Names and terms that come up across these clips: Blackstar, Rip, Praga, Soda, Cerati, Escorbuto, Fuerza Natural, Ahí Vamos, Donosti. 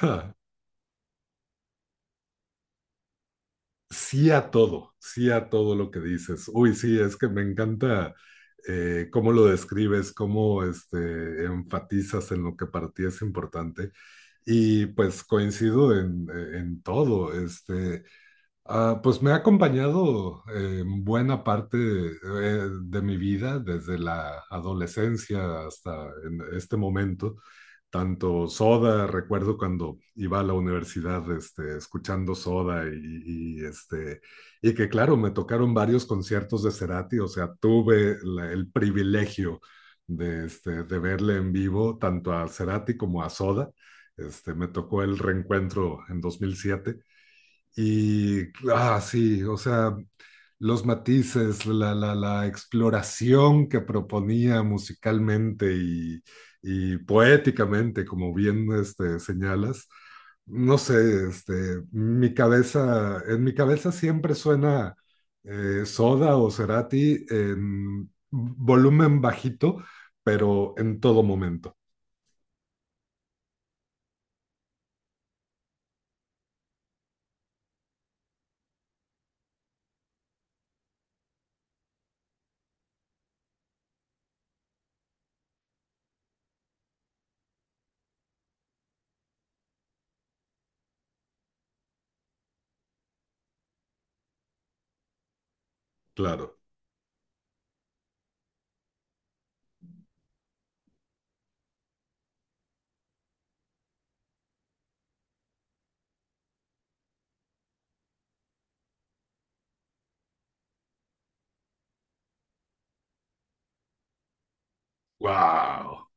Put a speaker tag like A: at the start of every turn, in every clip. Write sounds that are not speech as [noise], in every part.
A: Ja, sí a todo, sí a todo lo que dices. Uy, sí, es que me encanta cómo lo describes, cómo enfatizas en lo que para ti es importante. Y pues coincido en todo. Pues me ha acompañado en buena parte de mi vida, desde la adolescencia hasta en este momento. Tanto Soda, recuerdo cuando iba a la universidad escuchando Soda y que claro, me tocaron varios conciertos de Cerati, o sea, tuve el privilegio de verle en vivo tanto a Cerati como a Soda. Me tocó el reencuentro en 2007 y sí, o sea, los matices, la exploración que proponía musicalmente y poéticamente, como bien señalas, no sé, este, en mi cabeza siempre suena Soda o Cerati en volumen bajito, pero en todo momento, claro. ¡Wow!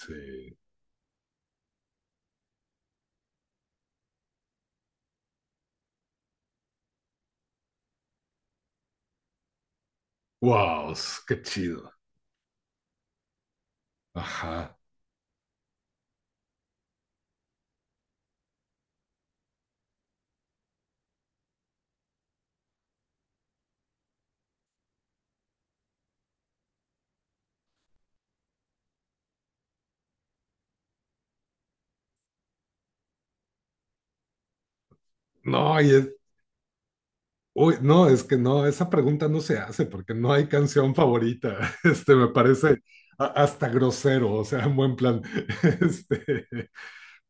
A: Sí. ¡Wow! ¡Qué chido! Ajá. No, y es, uy, no, es que no, esa pregunta no se hace porque no hay canción favorita. [laughs] Este, me parece hasta grosero, o sea, en buen plan. [laughs] Este,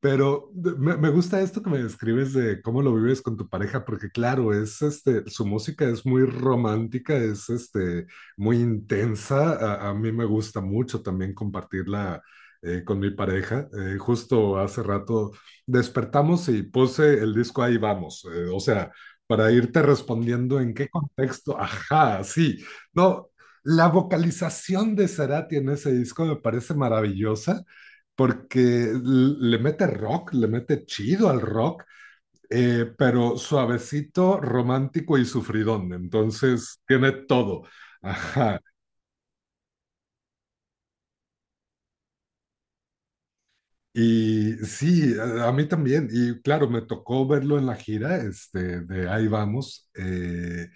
A: pero me gusta esto que me describes de cómo lo vives con tu pareja, porque claro, es este, su música es muy romántica, es este, muy intensa. A mí me gusta mucho también compartirla con mi pareja. Justo hace rato despertamos y puse el disco Ahí vamos. Eh, o sea, para irte respondiendo en qué contexto. Ajá, sí. No, la vocalización de Cerati en ese disco me parece maravillosa porque le mete rock, le mete chido al rock, pero suavecito, romántico y sufridón. Entonces tiene todo. Ajá. Y sí, a mí también. Y claro, me tocó verlo en la gira, este, de Ahí Vamos. Eh,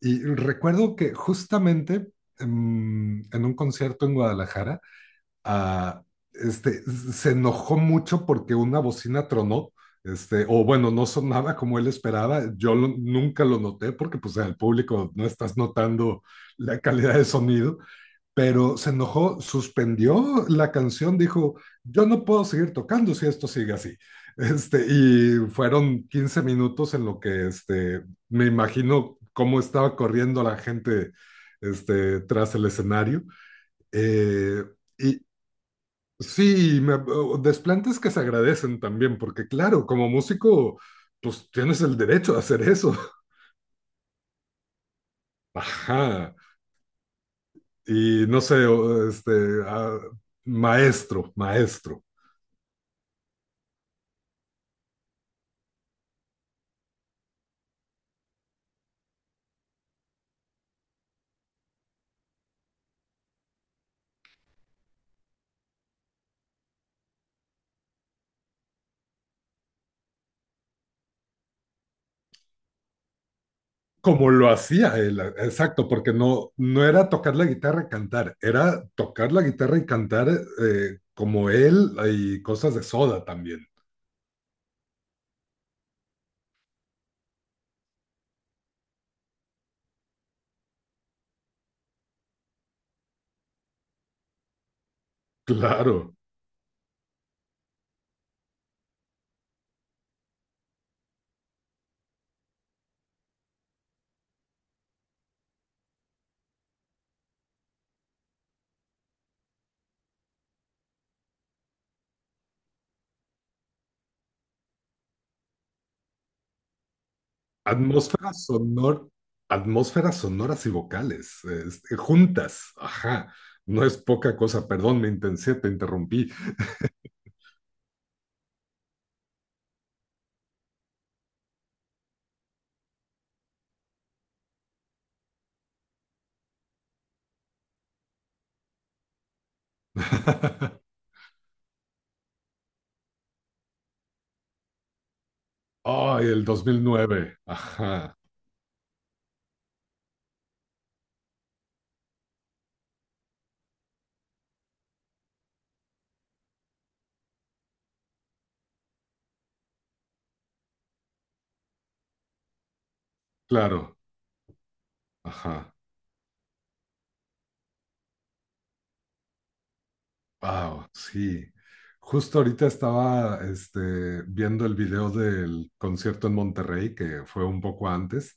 A: y recuerdo que justamente en un concierto en Guadalajara, a, se enojó mucho porque una bocina tronó, este, o bueno, no sonaba como él esperaba. Nunca lo noté porque pues al público no estás notando la calidad de sonido, pero se enojó, suspendió la canción, dijo, yo no puedo seguir tocando si esto sigue así. Este, y fueron 15 minutos en lo que este, me imagino cómo estaba corriendo la gente este, tras el escenario. Eh, y, Sí, o desplantes que se agradecen también, porque claro, como músico, pues tienes el derecho a hacer eso. [laughs] Ajá. Y no sé, ah, maestro, maestro. Como lo hacía él, ah, exacto, porque no, no era tocar la guitarra y cantar, era tocar la guitarra y cantar como él y cosas de Soda también. Claro. Atmósferas sonor, Atmósferas sonoras y vocales, este, juntas, ajá, no es poca cosa, perdón, me intensé, te interrumpí. [laughs] Ay, el 2009, ajá, claro, ajá. Wow, sí. Justo ahorita estaba este, viendo el video del concierto en Monterrey, que fue un poco antes.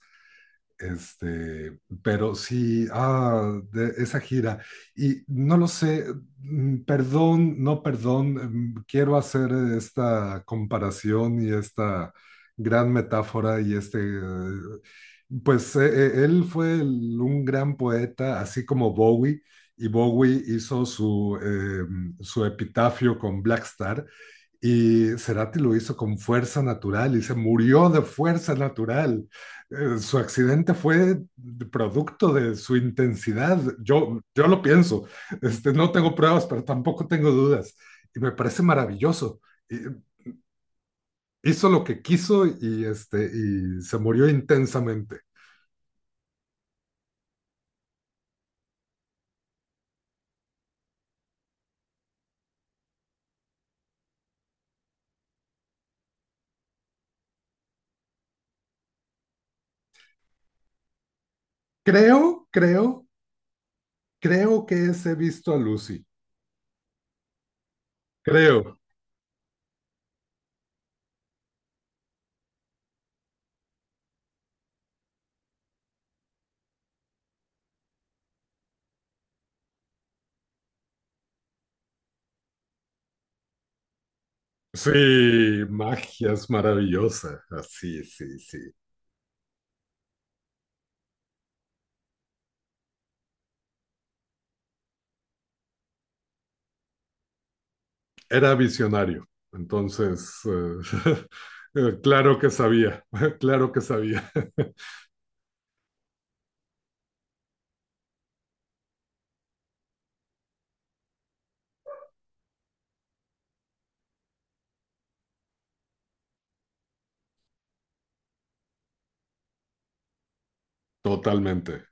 A: Este, pero sí, ah, de esa gira. Y no lo sé, mm, perdón, no perdón, quiero hacer esta comparación y esta gran metáfora y pues eh, él fue un gran poeta, así como Bowie, y Bowie hizo su epitafio con Blackstar y Cerati lo hizo con fuerza natural y se murió de fuerza natural. Su accidente fue producto de su intensidad. Yo lo pienso, este, no tengo pruebas, pero tampoco tengo dudas y me parece maravilloso. Hizo lo que quiso y, este, y se murió intensamente. Creo, creo, Creo que ese visto a Lucy. Creo. Sí, magia es maravillosa. Así, sí, sí. Era visionario, entonces, [laughs] claro que sabía, [laughs] claro que sabía. [laughs] Totalmente.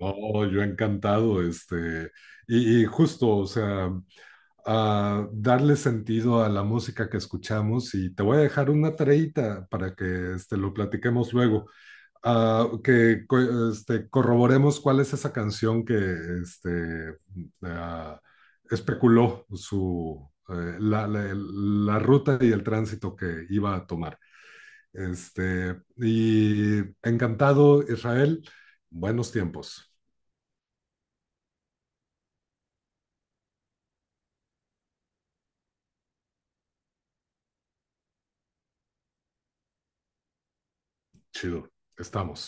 A: No, yo encantado, este, y justo, o sea, a darle sentido a la música que escuchamos y te voy a dejar una tareita para que este, lo platiquemos luego. Ah, corroboremos cuál es esa canción que este, ah, especuló la ruta y el tránsito que iba a tomar. Este, y encantado, Israel. Buenos tiempos. Chido. Estamos.